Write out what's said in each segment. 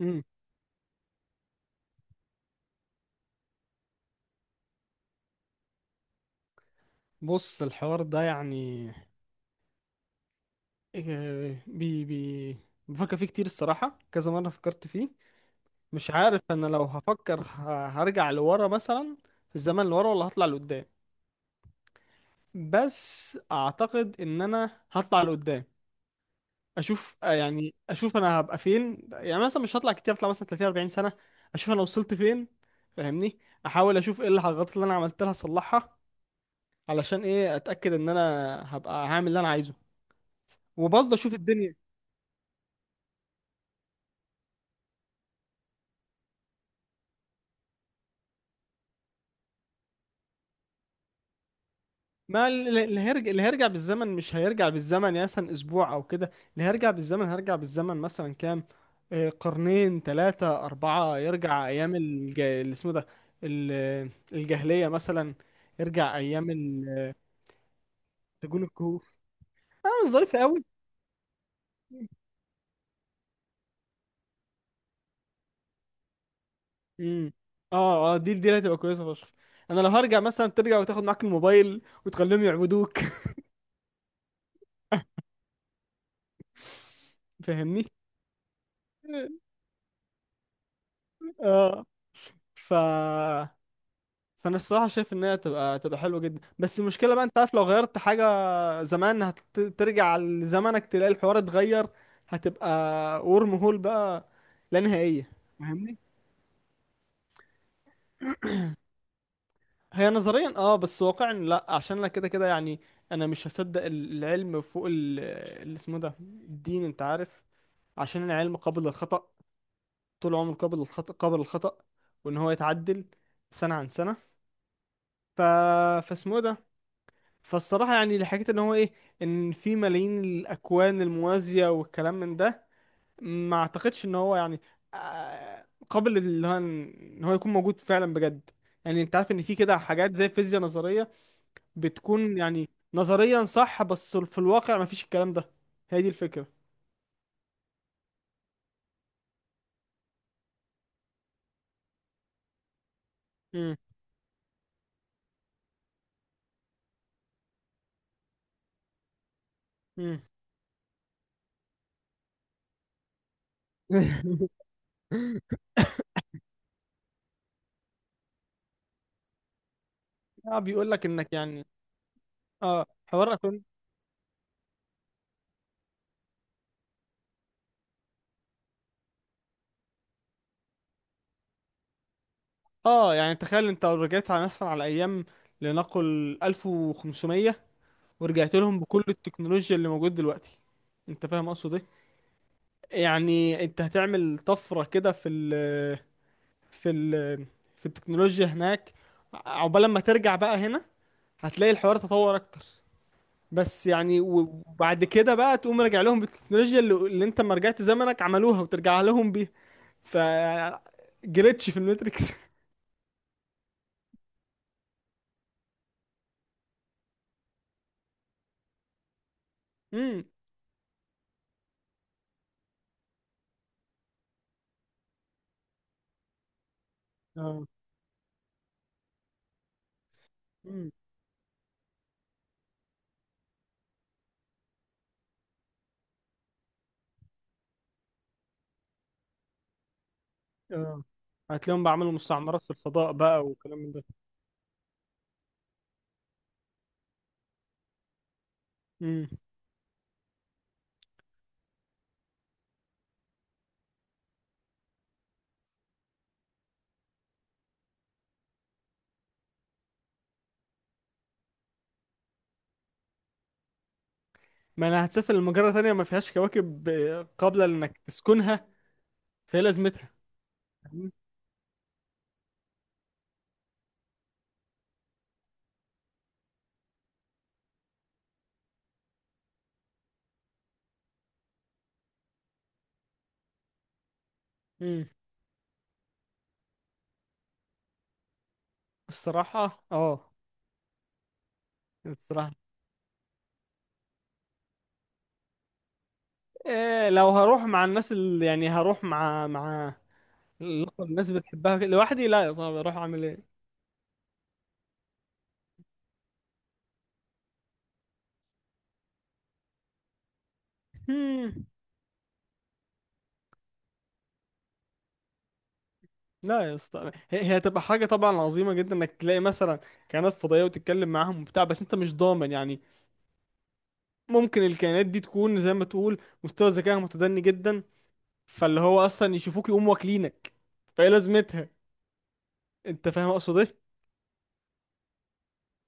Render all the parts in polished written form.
امم بص الحوار ده يعني إيه، بي بفكر فيه كتير الصراحة، كذا مرة فكرت فيه. مش عارف انا لو هفكر هرجع لورا مثلا في الزمن لورا ولا هطلع لقدام. بس اعتقد ان انا هطلع لقدام، اشوف يعني اشوف انا هبقى فين، يعني مثلا مش هطلع كتير، هطلع مثلا 30 40 سنة، اشوف انا وصلت فين. فاهمني، احاول اشوف ايه الغلطات اللي انا عملتها اصلحها، علشان ايه اتاكد ان انا هبقى هعمل اللي انا عايزه وبرضه اشوف الدنيا. ما اللي هيرجع، اللي هيرجع بالزمن مش هيرجع بالزمن يعني مثلا اسبوع او كده، اللي هيرجع بالزمن هيرجع بالزمن مثلا كام قرنين 3 4 يرجع أيام اللي اسمه ده الجاهلية مثلا، يرجع أيام رجول الكهوف. اه مش ظريفة قوي. امم، اه اه دي، دي اللي هتبقى كويسة فشخ. انا لو هرجع مثلا ترجع وتاخد معاك الموبايل وتخليهم يعبدوك فاهمني. اه. ف، فانا الصراحه شايف ان هي تبقى، تبقى حلوه جدا، بس المشكله بقى انت عارف لو غيرت حاجه زمان، هترجع لزمانك تلاقي الحوار اتغير، هتبقى ورم هول بقى، لا نهائيه. فاهمني. هي نظريا اه، بس واقعا لا، عشان انا كده كده يعني انا مش هصدق العلم فوق اللي اسمه ده الدين انت عارف، عشان العلم قابل للخطأ، طول عمره قابل للخطأ، وان هو يتعدل سنة عن سنة. ف... فاسمه ده، فالصراحة يعني اللي حكيت ان هو ايه، ان في ملايين الاكوان الموازية والكلام من ده، ما اعتقدش ان هو يعني قابل اللي هو ان، إن هو يكون موجود فعلا بجد. يعني انت عارف ان في كده حاجات زي الفيزياء نظرية، بتكون يعني نظريا صح، بس في الواقع ما فيش الكلام ده. هي دي الفكرة. مم. مم. اه بيقول لك انك يعني، اه حوار اكون. اه يعني تخيل انت لو رجعت على مثلا على ايام لنقل 1500، ورجعت لهم بكل التكنولوجيا اللي موجود دلوقتي، انت فاهم اقصد ايه، يعني انت هتعمل طفرة كده في ال في التكنولوجيا هناك، عقبال لما ترجع بقى هنا هتلاقي الحوار تطور اكتر. بس يعني وبعد كده بقى تقوم راجع لهم بالتكنولوجيا اللي انت ما رجعت زمنك عملوها وترجع لهم بيها. ف جريتش في الماتريكس امم اه. امم اه، هتلاقيهم بيعملوا مستعمرات في الفضاء بقى وكلام من ده. ما انا هتسافر لمجرة تانية ما فيهاش كواكب قابلة لانك تسكنها، فهي لازمتها. فاهمني؟ مم. الصراحة اه. الصراحة إيه، لو هروح مع الناس اللي يعني هروح مع الأخوة الناس بتحبها كده، لوحدي لا يا صاحبي اروح اعمل ايه. مم. لا يا اسطى، هي هتبقى حاجة طبعا عظيمة جدا انك تلاقي مثلا كائنات فضائية وتتكلم معاهم وبتاع، بس انت مش ضامن يعني ممكن الكائنات دي تكون زي ما تقول مستوى ذكائها متدني جدا، فاللي هو اصلا يشوفوك يقوموا واكلينك. فايه لازمتها. انت فاهم اقصد ايه.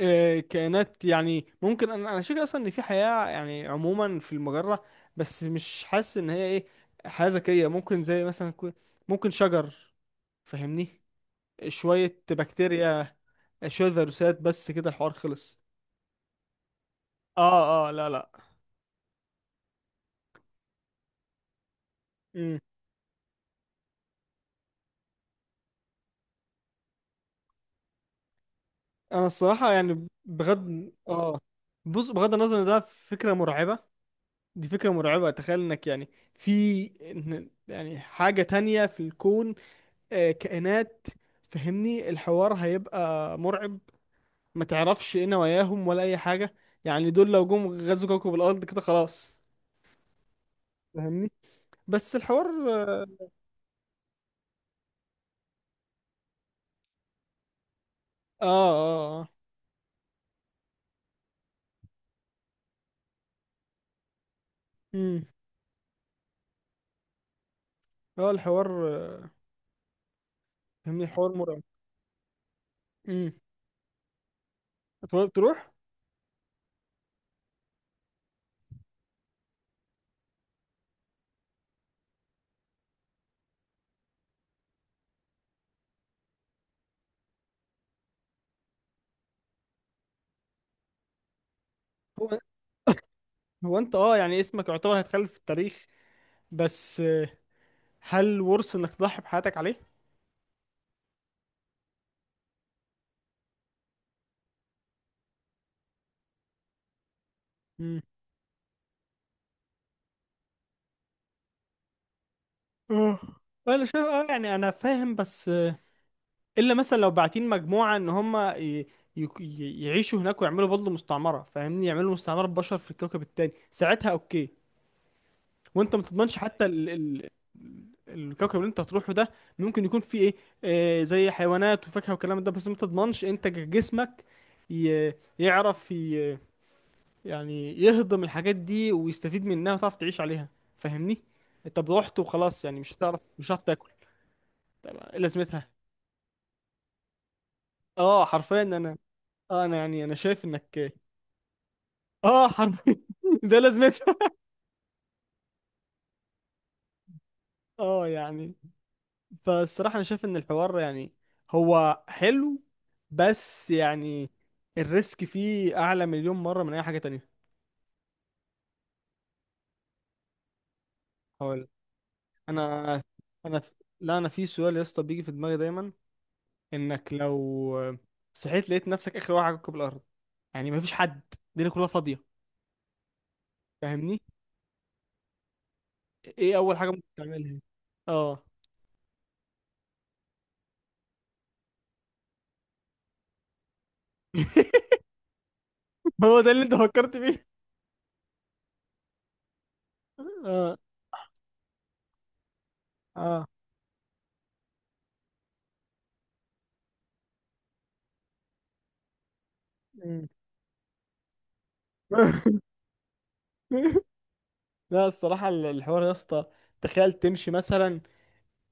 كائنات يعني ممكن، انا شايف اصلا ان في حياة يعني عموما في المجرة، بس مش حاسس ان هي ايه حياة ذكية. ممكن زي مثلا ممكن شجر، فاهمني، شوية بكتيريا، شوية فيروسات، بس كده الحوار خلص. اه اه لا لا. مم. انا الصراحة يعني بغض اه، بص بغض النظر ان ده فكرة مرعبة، دي فكرة مرعبة. تخيل انك يعني في يعني حاجة تانية في الكون، كائنات. فهمني، الحوار هيبقى مرعب، ما تعرفش ايه نواياهم ولا اي حاجة. يعني دول لو جم غزوا كوكب الارض كده خلاص. فهمني، بس الحوار اه. اه. اه. امم. هو الحوار فهمني، حوار مرعب. امم. هتقدر تروح. هو هو انت اه يعني اسمك يعتبر هيتخلد في التاريخ، بس هل ورث انك تضحي بحياتك عليه. امم. اه انا شايف اه يعني انا فاهم، بس الا مثلا لو باعتين مجموعه ان هم يعيشوا هناك ويعملوا برضه مستعمره، فاهمني، يعملوا مستعمره بشر في الكوكب التاني، ساعتها اوكي. وانت ما تضمنش حتى ال ال الكوكب اللي انت هتروحه ده ممكن يكون فيه ايه، آه زي حيوانات وفاكهه والكلام ده، بس ما تضمنش انت جسمك ي- يعرف ي- يعني يهضم الحاجات دي ويستفيد منها وتعرف تعيش عليها. فاهمني، طب رحت وخلاص، يعني مش هتعرف تاكل. طب ايه لازمتها. اه حرفيا انا، اه انا يعني انا شايف انك اه حرفيا ده لازمتها. اه يعني، فالصراحة انا شايف ان الحوار يعني، هو حلو بس يعني الريسك فيه اعلى مليون مرة من اي حاجة تانية. هقول، انا انا، لا انا في سؤال يا اسطى بيجي في دماغي دايما، انك لو صحيت لقيت نفسك اخر واحد على كوكب الارض، يعني مفيش حد، الدنيا كلها فاضية. فاهمني، ايه اول حاجة ممكن تعملها. اه. هو ده اللي انت فكرت فيه. اه اه. مم. لا الصراحة الحوار يا اسطى، تخيل تمشي مثلا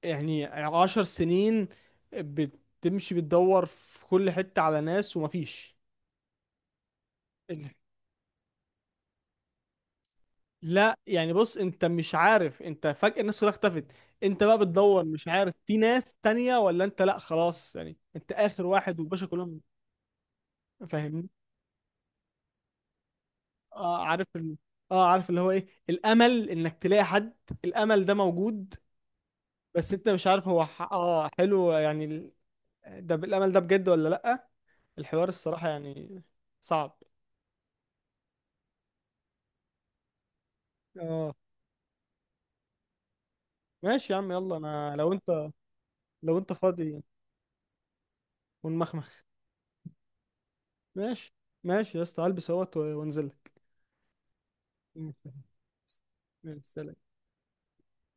يعني 10 سنين بتمشي بتدور في كل حتة على ناس ومفيش. ال- لا يعني بص انت مش عارف، انت فجأة الناس كلها اختفت، انت بقى بتدور مش عارف في ناس تانية ولا انت لا خلاص يعني انت آخر واحد والباشا كلهم. فاهمني، اه عارف اه عارف اللي هو ايه، الأمل انك تلاقي حد، الأمل ده موجود، بس انت مش عارف هو اه حلو يعني ده بالأمل ده بجد ولا لأ. الحوار الصراحة يعني صعب. اه ماشي يا عم يلا، انا لو انت، لو انت فاضي ونمخمخ. ماشي. ماشي يا اسطى هلبس اهوت وانزل لك. ماشي. ماشي، سلام.